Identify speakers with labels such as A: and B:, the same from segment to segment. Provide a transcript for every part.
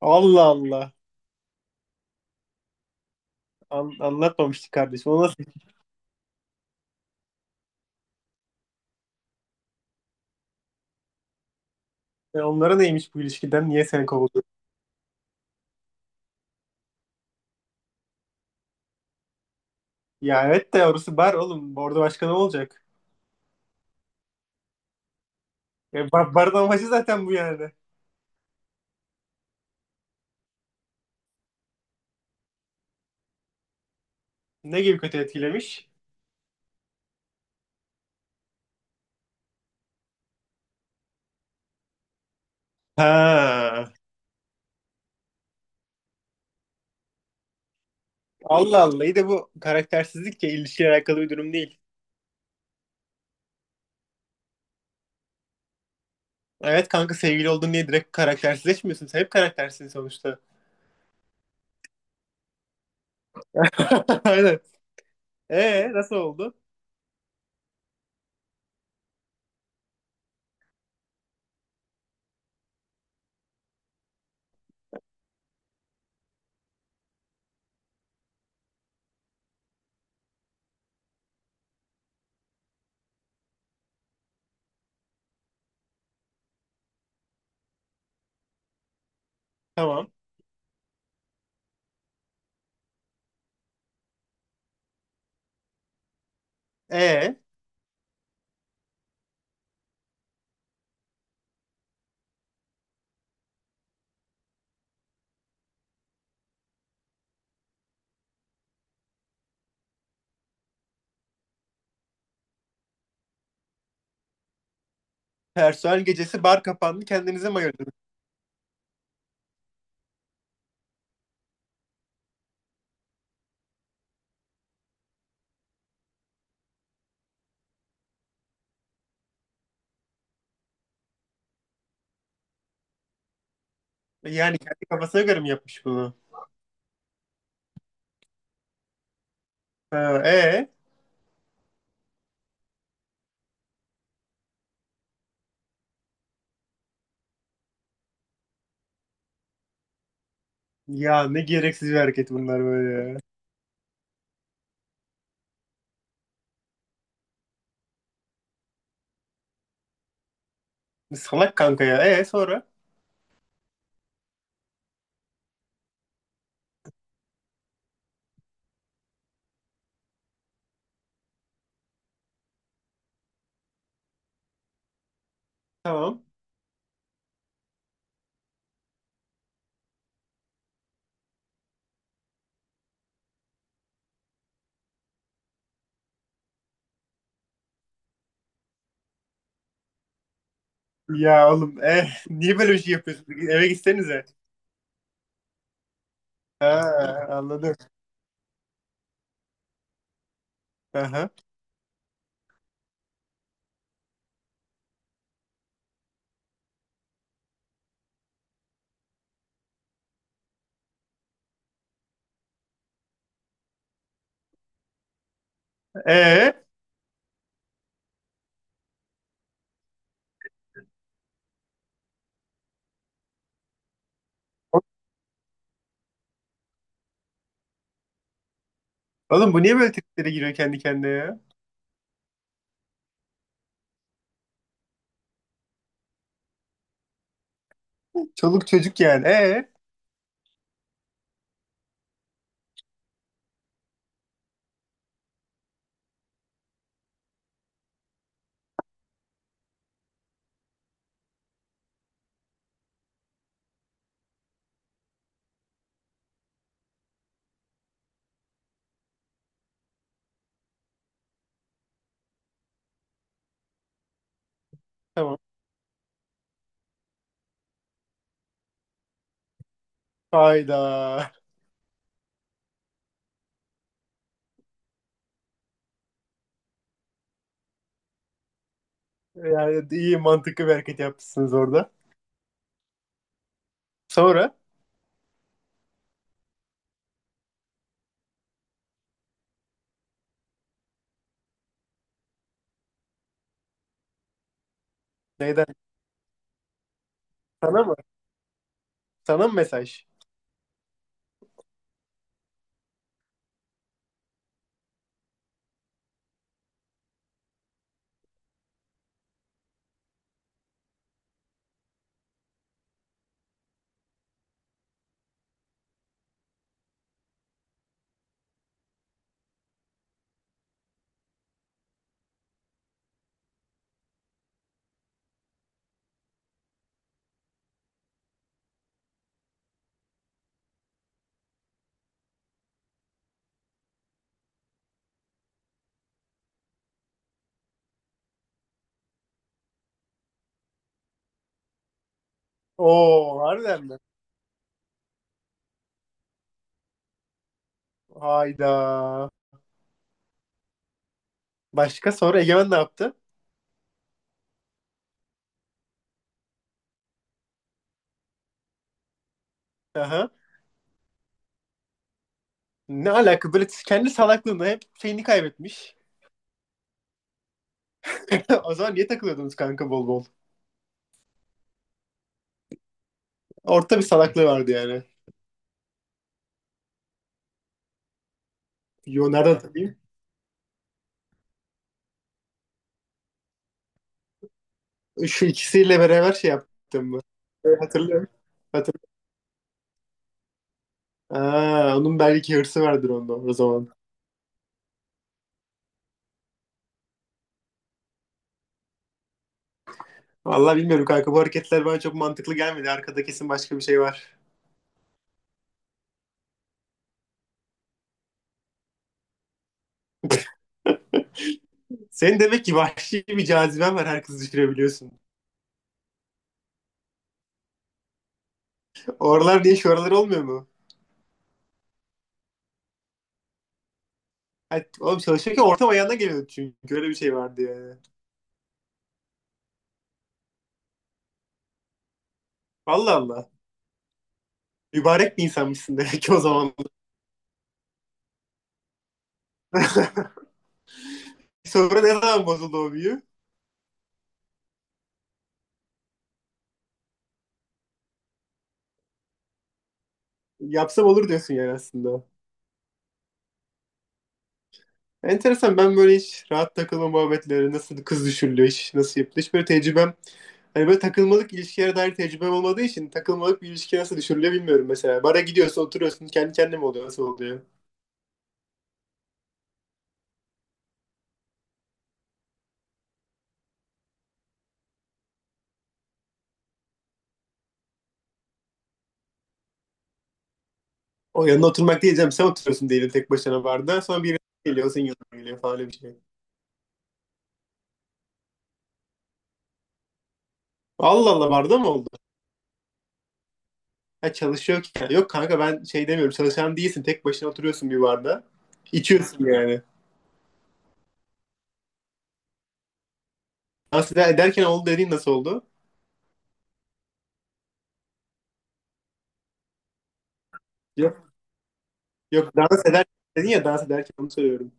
A: Allah Allah. Anlatmamıştık kardeşim. O nasıl? Onlara neymiş bu ilişkiden? Niye seni kovdu? Ya evet de orası bar oğlum. Orada başka ne olacak? Bar, barın amacı zaten bu yani. Ne gibi kötü etkilemiş? Ha. Allah Allah. İyi de bu karaktersizlikle ya ilişkiyle alakalı bir durum değil. Evet kanka, sevgili oldun diye direkt karaktersizleşmiyorsun. Sen hep karaktersin sonuçta. Aynen. Nasıl oldu? Tamam. E Personel gecesi bar kapandı, kendinize mi ayırdınız? Yani kendi kafasına göre mi yapmış bunu? Ha, e Ya ne gereksiz bir hareket bunlar böyle ya. Salak kanka ya. Sonra? Tamam. Ya oğlum niye böyle bir şey yapıyorsun? Eve gitsenize. Ha, anladım. Aha. E Oğlum bu niye böyle triplere giriyor kendi kendine ya? Çoluk çocuk yani. Tamam. Hayda. Yani iyi, mantıklı bir hareket yapmışsınız orada. Sonra? Neyden? Sana mı? Sana mı mesaj? Oo, harbiden mi? Hayda. Başka sonra Egemen ne yaptı? Aha. Ne alaka böyle, kendi salaklığında hep şeyini kaybetmiş. O zaman niye takılıyordunuz kanka bol bol? Orta bir salaklığı vardı yani. Yo, nereden takayım? Şu ikisiyle beraber şey yaptım mı? Evet, hatırlıyorum. Hatırlıyorum. Aa, onun belki hırsı vardır onda o zaman. Vallahi bilmiyorum kanka, bu hareketler bana çok mantıklı gelmedi. Arkada kesin başka bir şey var. Senin demek ki vahşi bir caziben var, her kızı düşürebiliyorsun. Oralar diye şu oralar olmuyor mu? Hayır oğlum, çalışırken ortam ayağına geliyordu çünkü öyle bir şey vardı yani. Allah Allah. Mübarek bir insanmışsın demek ki o zaman. Sonra ne zaman bozuldu o büyü? Yapsam olur diyorsun yani aslında. Enteresan, ben böyle hiç rahat takılma muhabbetleri, nasıl kız düşürülüyor, iş nasıl yapılıyor, hiç böyle tecrübem, hani böyle takılmalık ilişkilere dair tecrübem olmadığı için takılmalık bir ilişki nasıl düşürülüyor bilmiyorum mesela. Bara gidiyorsun, oturuyorsun, kendi kendine mi oluyor, nasıl oluyor? O yanına oturmak diyeceğim, sen oturuyorsun değil, tek başına barda sonra biri geliyor, senin yanına geliyor falan bir şey. Allah Allah, barda mı oldu? Ha, çalışıyor ki. Yok kanka, ben şey demiyorum. Çalışan değilsin. Tek başına oturuyorsun bir barda. İçiyorsun yani. Ederken oldu dediğin nasıl oldu? Yok. Yok, dans ederken dedin ya, dans ederken onu söylüyorum.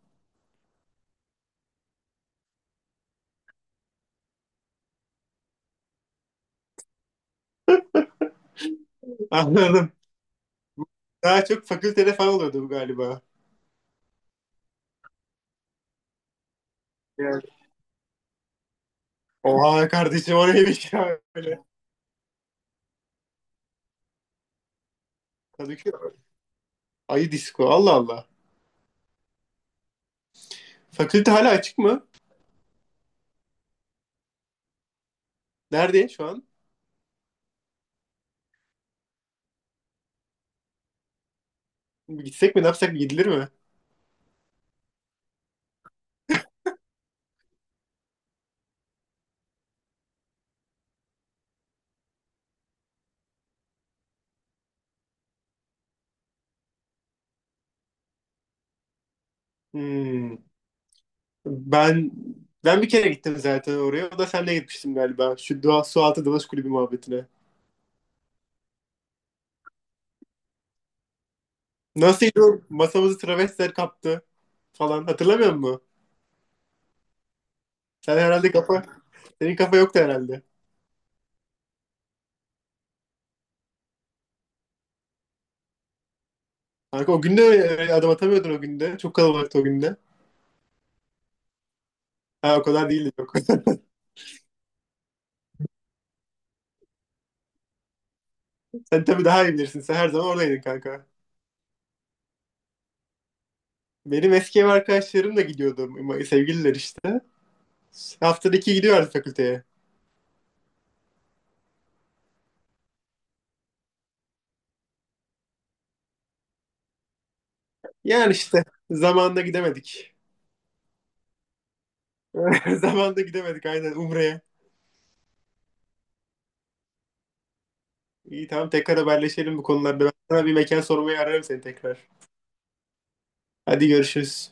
A: Anladım. Daha çok fakültede falan oluyordu bu galiba. Yani. Oha kardeşim, o neymiş ya böyle. Kadıköy. Ayı disco. Allah Allah. Fakülte hala açık mı? Nerede şu an? Gitsek mi, ne yapsak, gidilir mi? Hmm. Ben ben bir kere gittim zaten oraya. O da senle gitmiştim galiba. Şu doğa, su altı dalış kulübü muhabbetine. Nasıl o masamızı travestiler kaptı falan hatırlamıyor musun? Sen herhalde kafa, senin kafa yoktu herhalde. Kanka o günde adım atamıyordun o günde. Çok kalabalıktı o günde. Ha, o kadar değildi, yok. Sen tabii daha iyi bilirsin. Sen her zaman oradaydın kanka. Benim eski ev arkadaşlarım da gidiyordu. Sevgililer işte. Haftada iki gidiyorlardı fakülteye. Yani işte zamanında gidemedik. Zamanında gidemedik aynen Umre'ye. İyi, tamam, tekrar haberleşelim bu konularda. Ben sana bir mekan sormaya ararım seni tekrar. Hadi görüşürüz.